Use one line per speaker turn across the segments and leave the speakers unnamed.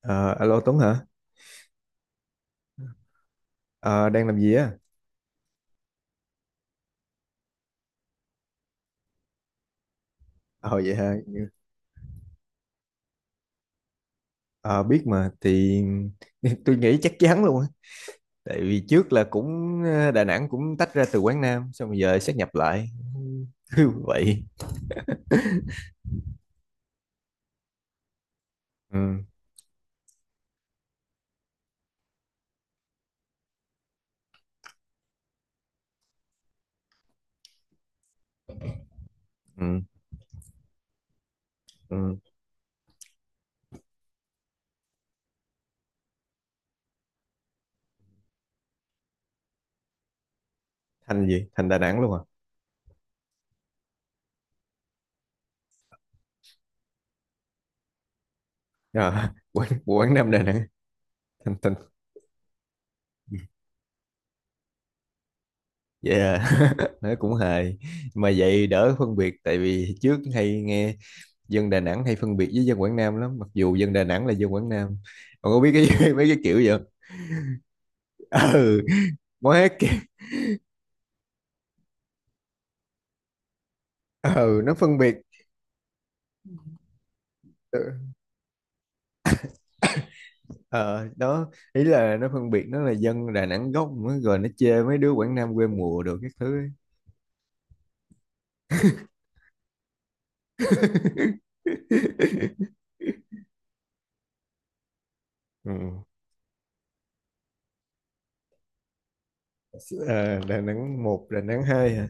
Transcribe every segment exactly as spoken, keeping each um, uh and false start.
Ờ, alo Tuấn hả? Ờ, đang làm gì á? Ờ vậy hả? Ờ, biết mà thì tôi nghĩ chắc chắn luôn á. Tại vì trước là cũng ờ, Đà Nẵng cũng tách ra từ Quảng Nam xong rồi giờ sáp nhập lại. Cứ vậy. Ừ, ừ, ừ. Thành gì? Thành Đà Nẵng luôn à? Ờ, Quảng, Quảng Nam Đà Nẵng. Thành thành. Vậy à? Nói cũng hài. Mà vậy đỡ phân biệt tại vì trước hay nghe dân Đà Nẵng hay phân biệt với dân Quảng Nam lắm, mặc dù dân Đà Nẵng là dân Quảng Nam. Ông có biết cái mấy cái kiểu vậy? Ừ. Quá kì, ừ nó phân biệt. Ừ, ờ đó ý là nó phân biệt nó là dân Đà Nẵng gốc mới rồi nó chê mấy đứa Quảng Nam quê mùa đồ các thứ ấy. Ừ. À, Đà Nẵng một Đà Nẵng hai hả?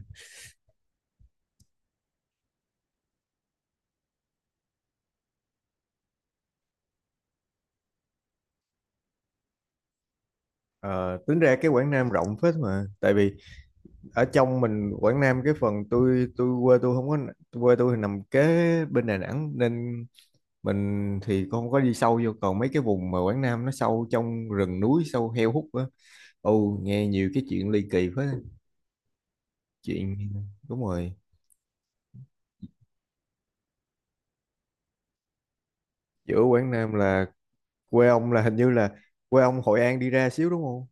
Ờ, tính ra cái Quảng Nam rộng phết mà tại vì ở trong mình Quảng Nam cái phần tôi tôi quê tôi không có, quê tôi thì nằm kế bên Đà Nẵng nên mình thì không có đi sâu vô, còn mấy cái vùng mà Quảng Nam nó sâu trong rừng núi sâu heo hút á. Ồ, nghe nhiều cái chuyện ly kỳ quá. Chuyện đúng rồi. Giữa Quảng Nam là quê ông là hình như là quê ông Hội An đi ra xíu đúng không?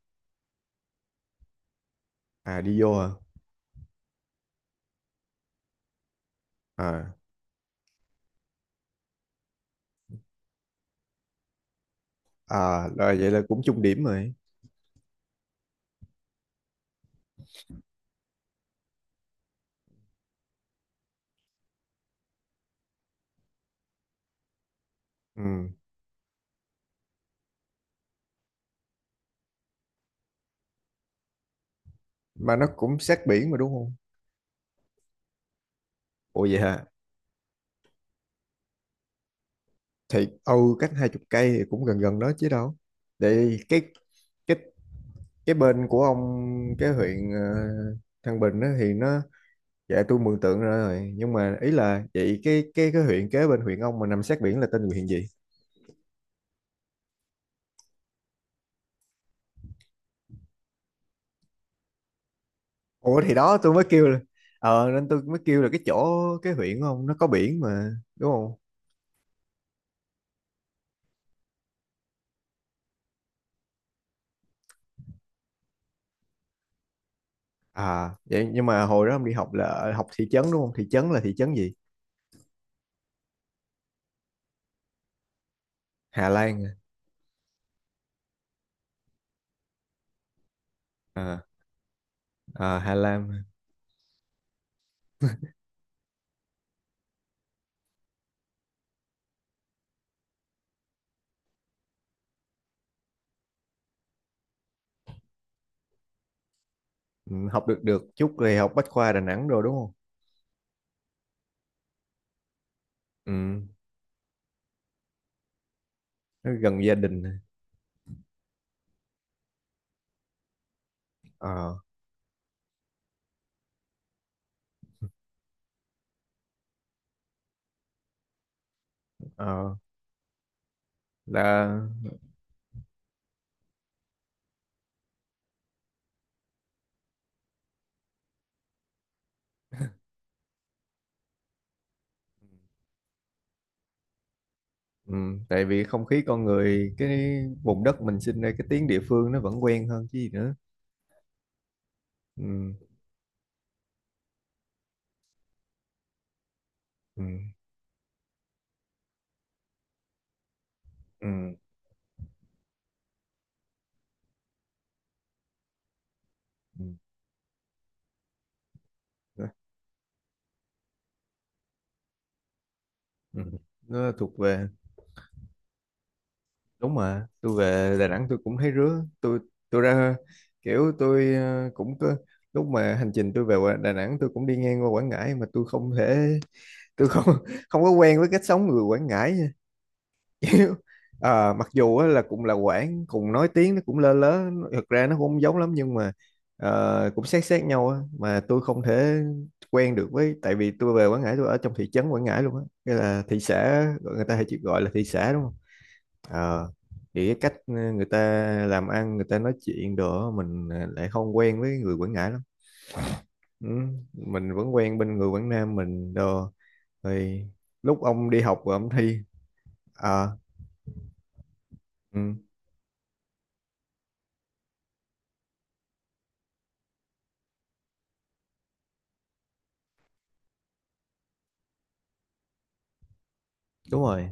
À đi vô à. À. À là vậy là cũng chung điểm rồi. Ừ, mà nó cũng sát biển mà đúng không? Ồ vậy hả? Thì ừ, cách hai chục cây thì cũng gần gần đó chứ đâu. Để cái cái cái bên của ông, cái huyện ờ, Thăng Bình đó thì nó, dạ tôi mường tượng ra rồi, nhưng mà ý là vậy, cái cái cái huyện kế bên huyện ông mà nằm sát biển là tên huyện gì? Ủa thì đó tôi mới kêu là, ờ nên tôi mới kêu là cái chỗ, cái huyện không nó có biển mà đúng không? À vậy nhưng mà hồi đó ông đi học là ở- học thị trấn đúng không, thị trấn là thị trấn gì? Hà Lan à? À, à Hà Lan à. Ừ, học được được chút thì học Bách khoa Đà Nẵng rồi đúng không? Ừ, nó gần gia đình à. Ờ. Ờ là ừ, tại vì không khí con người, cái vùng đất mình sinh ra, cái tiếng địa phương nó vẫn quen hơn chứ gì nữa. Ừ. Ừ. Ừ, ừ. Nó nó thuộc về. Đúng mà tôi về Đà Nẵng tôi cũng thấy rứa, tôi tôi ra, kiểu tôi ờ, cũng có lúc mà hành trình tôi về Quà- Đà Nẵng tôi cũng đi ngang qua Quảng Ngãi mà tôi không thể, tôi không không có quen với cách sống người Quảng Ngãi nha. Kiểu à, mặc dù á là cũng là Quảng, cùng nói tiếng nó cũng lơ lớ nó- thực ra nó cũng không giống lắm, nhưng mà ờ, cũng sát sát nhau á mà tôi không thể quen được với, tại vì tôi về Quảng Ngãi tôi ở trong thị trấn Quảng Ngãi luôn á, cái là thị xã, người ta hay chỉ gọi là thị xã đúng không? Ờ, thì cái cách ờ, người ta làm ăn, người ta nói chuyện đồ á, mình ờ, lại không quen với người Quảng Ngãi lắm. Ừ, mình vẫn quen bên người Quảng Nam mình đồ. Thì lúc ông đi học rồi ông thi. À, ừ, đúng rồi.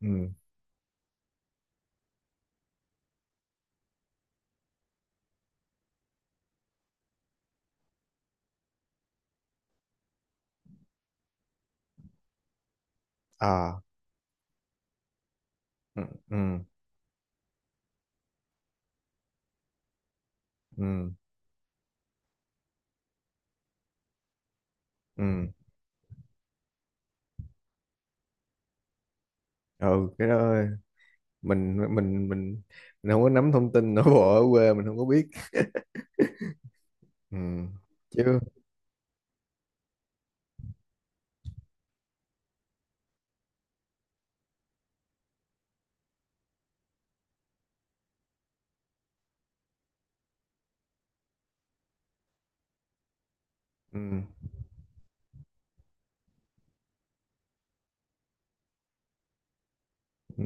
Ừ, à ừ, ừ, ừ, ừ, ừ cái đó. Mình mình mình mình không có nắm thông tin nội bộ ở quê mình không có biết. Ừ, chứ ừ, ừ,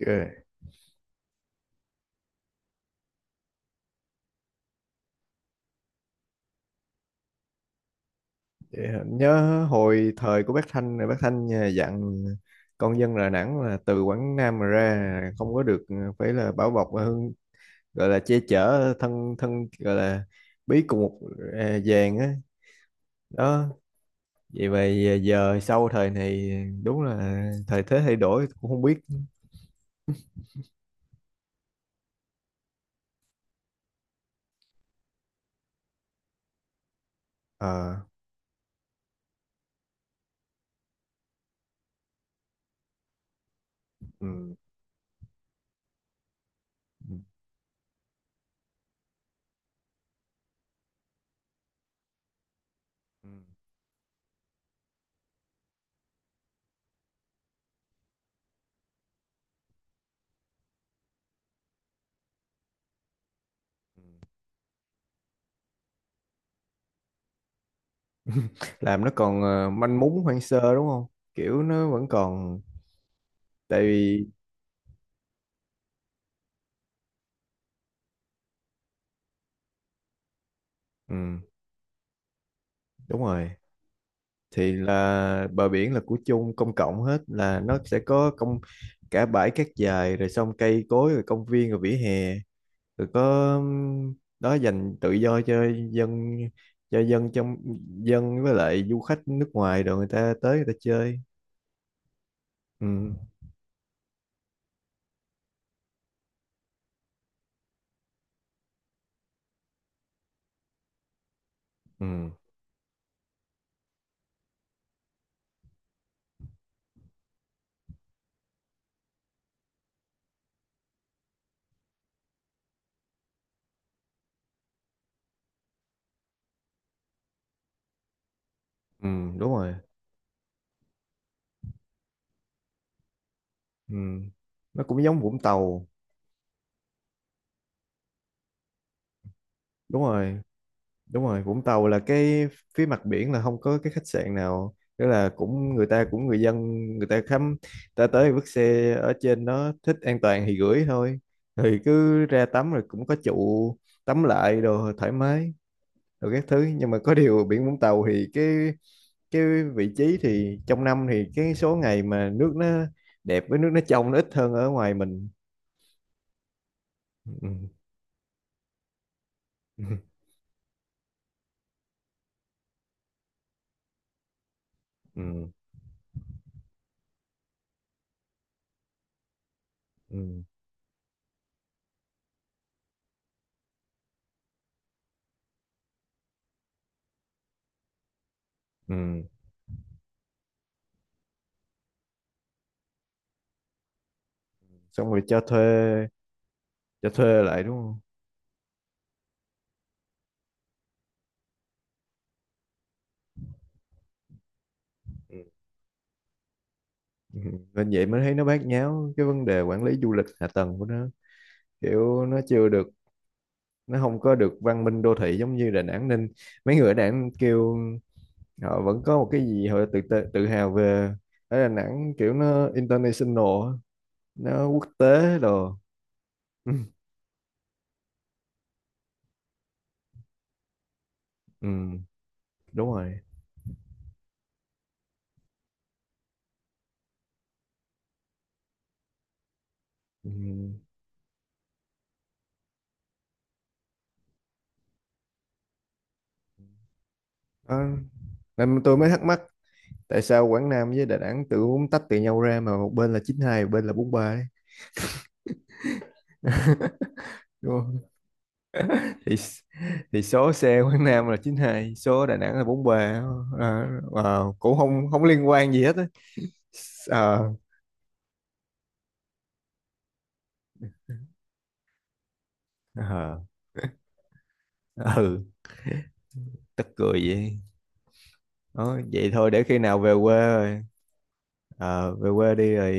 ghê. Vậy hả? Nhớ hồi thời của bác Thanh là bác Thanh à, dặn con dân Đà Nẵng là từ Quảng Nam mà ra không có được à, phải là bảo bọc và hưng, gọi là che chở thân thân gọi là bí cùng một, à, vàng á, đó, vậy mà à, giờ sau thời này đúng là thời thế thay đổi cũng không biết. Ờ, ừ, ừ, ừ. Làm nó còn ờ, manh mún hoang sơ đúng không, kiểu nó vẫn còn, tại vì ừ, đúng rồi, thì là bờ biển là của chung công cộng hết, là nó sẽ có công cả bãi cát dài rồi xong cây cối rồi công viên rồi vỉa hè rồi có ừm, đó, dành tự do cho dân, cho dân trong, dân với lại du khách nước ngoài rồi người ta tới người ta chơi. Ừ. Ừ. Ừ đúng rồi. Ừ nó cũng giống Vũng Tàu. Đúng rồi. Đúng rồi, Vũng Tàu là cái phía mặt biển là không có cái khách sạn nào, tức là cũng người ta cũng người dân, người ta khám, ta tới vứt xe ở trên đó thích an toàn thì gửi thôi, thì cứ ra tắm rồi cũng có trụ, tắm lại đồ thoải mái rồi các thứ, nhưng mà có điều biển Vũng Tàu thì cái cái vị trí thì trong năm thì cái số ngày mà nước nó đẹp với nước nó trong nó ít hơn ở ngoài mình. Ừ. Ừ. Ừ. Ừ. Ừ. Xong rồi cho thuê, cho thuê lại đúng không? Ừ. Ừ, nên vậy mới thấy nó bát nháo cái vấn đề quản lý du lịch hạ tầng của nó, kiểu nó chưa được, nó không có được văn minh đô thị giống như Đà Nẵng, nên mấy người ở Đà Nẵng kêu, họ vẫn có một cái gì họ tự tự, tự hào về ở Đà Nẵng, kiểu nó international á, nó quốc tế đồ. Ừ, ừ, đúng rồi. Ừ. Đó. Nên tôi mới thắc mắc tại sao Quảng Nam với Đà Nẵng tự muốn tách từ nhau ra mà một bên là chín hai một bên là bốn ba ấy. thì thì số xe Quảng Nam là chín hai, số Đà Nẵng là bốn ba. À, wow, cũng không không liên quan gì hết á. Ờ, ờ, ờ, ừ tức cười vậy. Đó, vậy thôi để khi nào về quê rồi. Ờ, về quê đi rồi,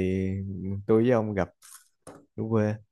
ừ, tôi với ông gặp ở quê.